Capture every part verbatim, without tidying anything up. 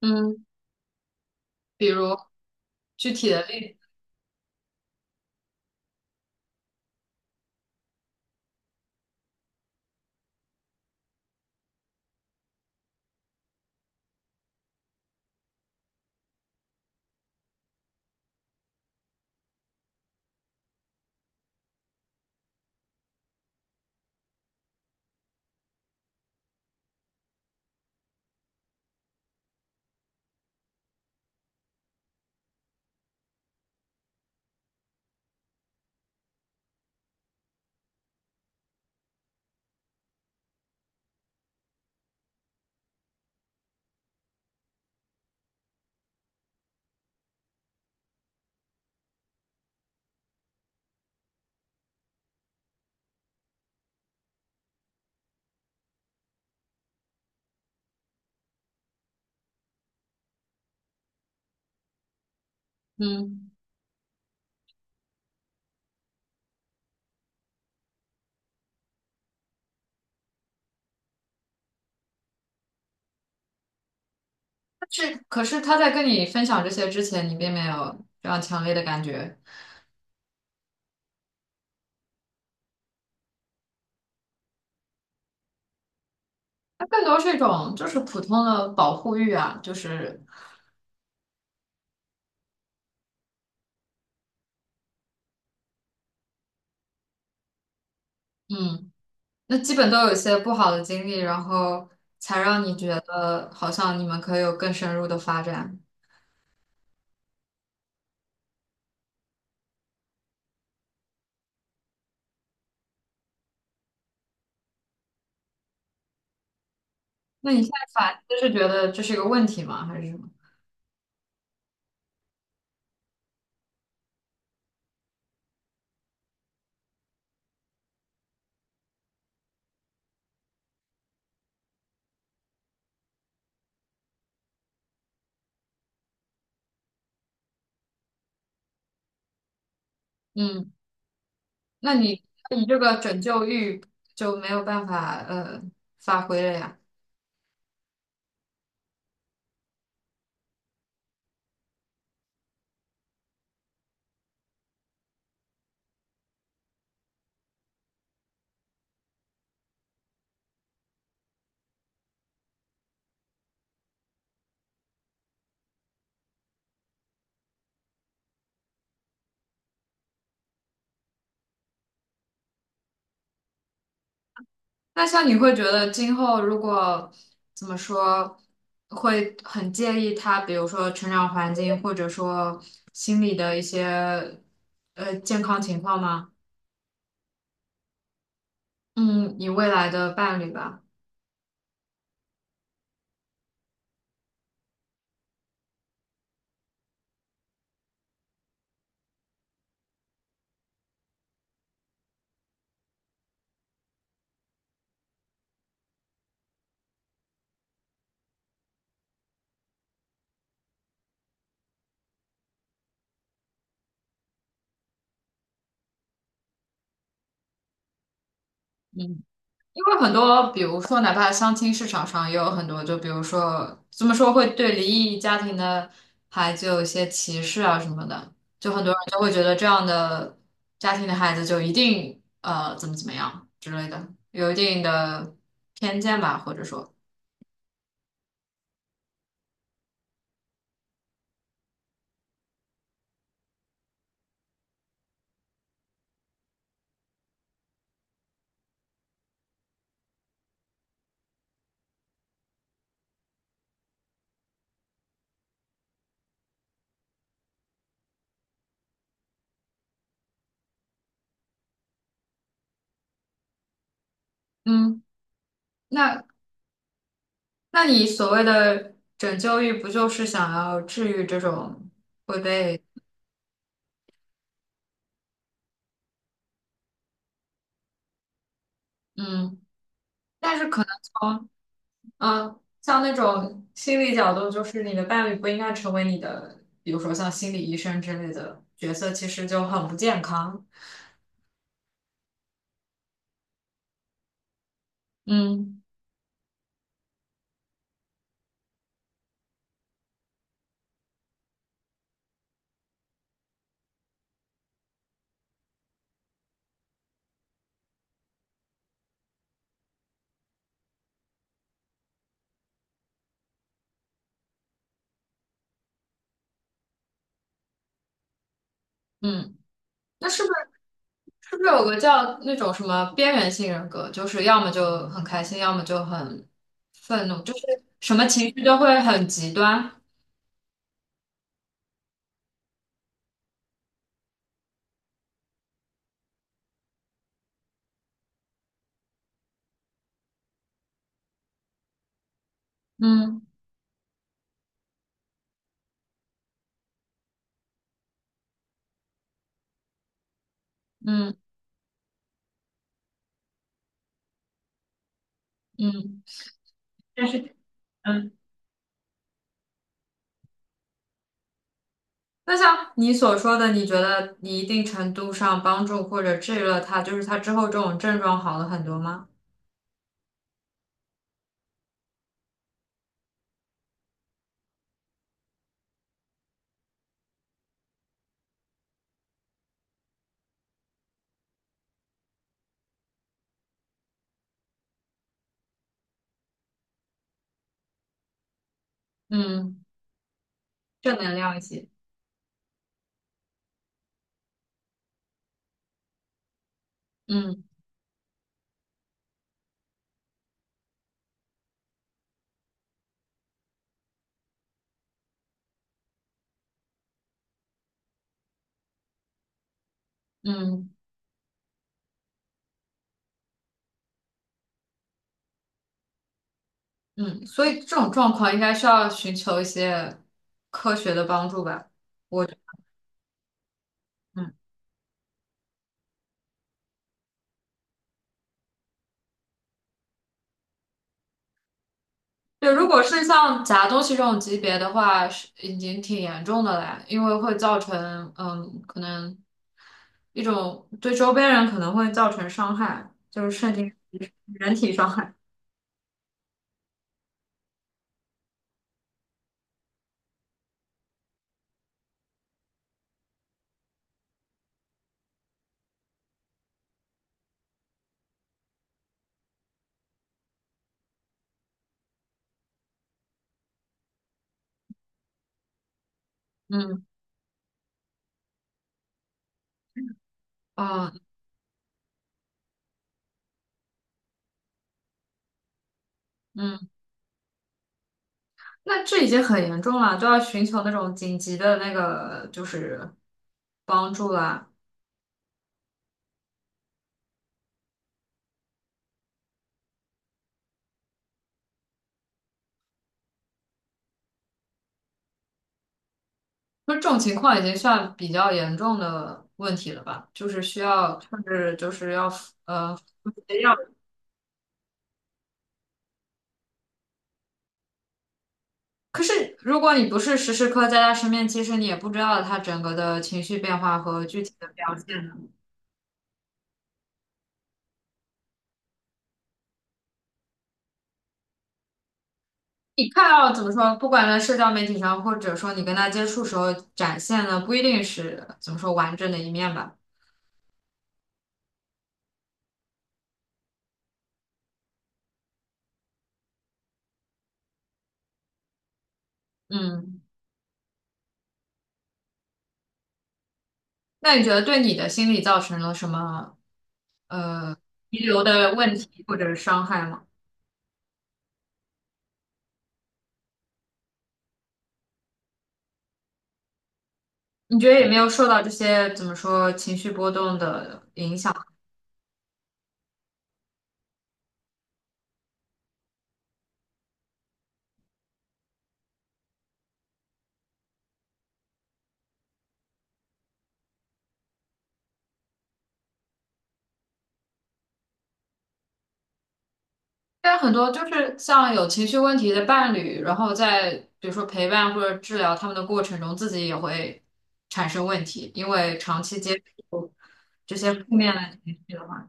嗯，比如具体的例子，嗯，但是可是他在跟你分享这些之前，你并没有这样强烈的感觉，它更多是一种就是普通的保护欲啊，就是嗯，那基本都有一些不好的经历，然后才让你觉得好像你们可以有更深入的发展。那你现在反思是觉得这是一个问题吗？还是什么？嗯，那你你这个拯救欲就没有办法呃发挥了呀？那像你会觉得今后如果怎么说，会很介意他，比如说成长环境，或者说心理的一些呃健康情况吗？嗯，你未来的伴侣吧。嗯。因为很多，比如说，哪怕相亲市场上也有很多，就比如说，怎么说会对离异家庭的孩子有一些歧视啊什么的，就很多人就会觉得这样的家庭的孩子就一定呃怎么怎么样之类的，有一定的偏见吧，或者说，嗯，那那你所谓的拯救欲，不就是想要治愈这种会被嗯，但是可能从嗯，像那种心理角度，就是你的伴侣不应该成为你的，比如说像心理医生之类的角色，其实就很不健康。嗯嗯，那是不是是不是有个叫那种什么边缘性人格，就是要么就很开心，要么就很愤怒，就是什么情绪都会很极端。嗯嗯嗯，但是，嗯，那像你所说的，你觉得你一定程度上帮助或者治愈了他，就是他之后这种症状好了很多吗？嗯，正能量一些，嗯嗯嗯，所以这种状况应该需要寻求一些科学的帮助吧。我，嗯，对，如果是像夹东西这种级别的话，是已经挺严重的了，因为会造成，嗯，可能一种对周边人可能会造成伤害，就是甚至人体伤害。嗯，哦，嗯，那这已经很严重了，都要寻求那种紧急的那个就是帮助啦。那这种情况已经算比较严重的问题了吧？就是需要，甚至就是要呃要。可是如果你不是时时刻在他身边，其实你也不知道他整个的情绪变化和具体的表现呢。你看到怎么说，不管在社交媒体上，或者说你跟他接触时候展现的，不一定是怎么说完整的一面吧。嗯，那你觉得对你的心理造成了什么遗留的问题或者伤害吗？你觉得有没有受到这些怎么说情绪波动的影响？但很多就是像有情绪问题的伴侣，然后在比如说陪伴或者治疗他们的过程中，自己也会产生问题，因为长期接触这些负面的情绪的话，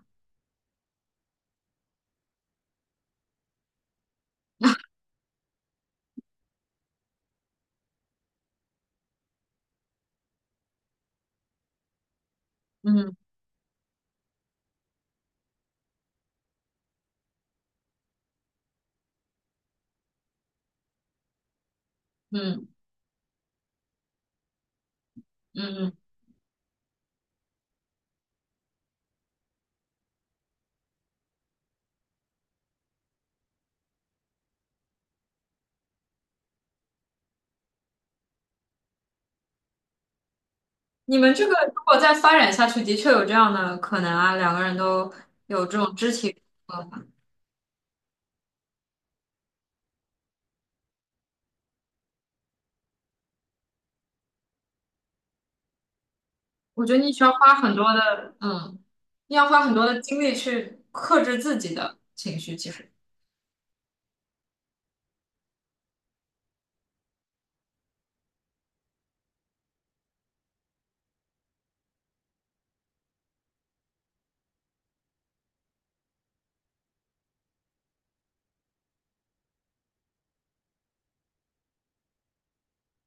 嗯嗯嗯嗯，你们这个如果再发展下去，的确有这样的可能啊，两个人都有这种肢体，呃我觉得你需要花很多的，嗯，你要花很多的精力去克制自己的情绪，其实。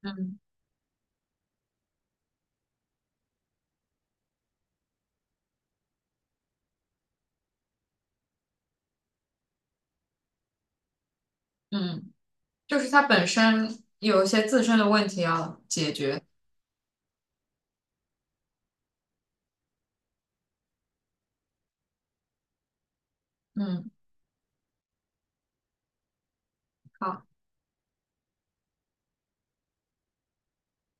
嗯嗯，就是它本身有一些自身的问题要解决。嗯，好。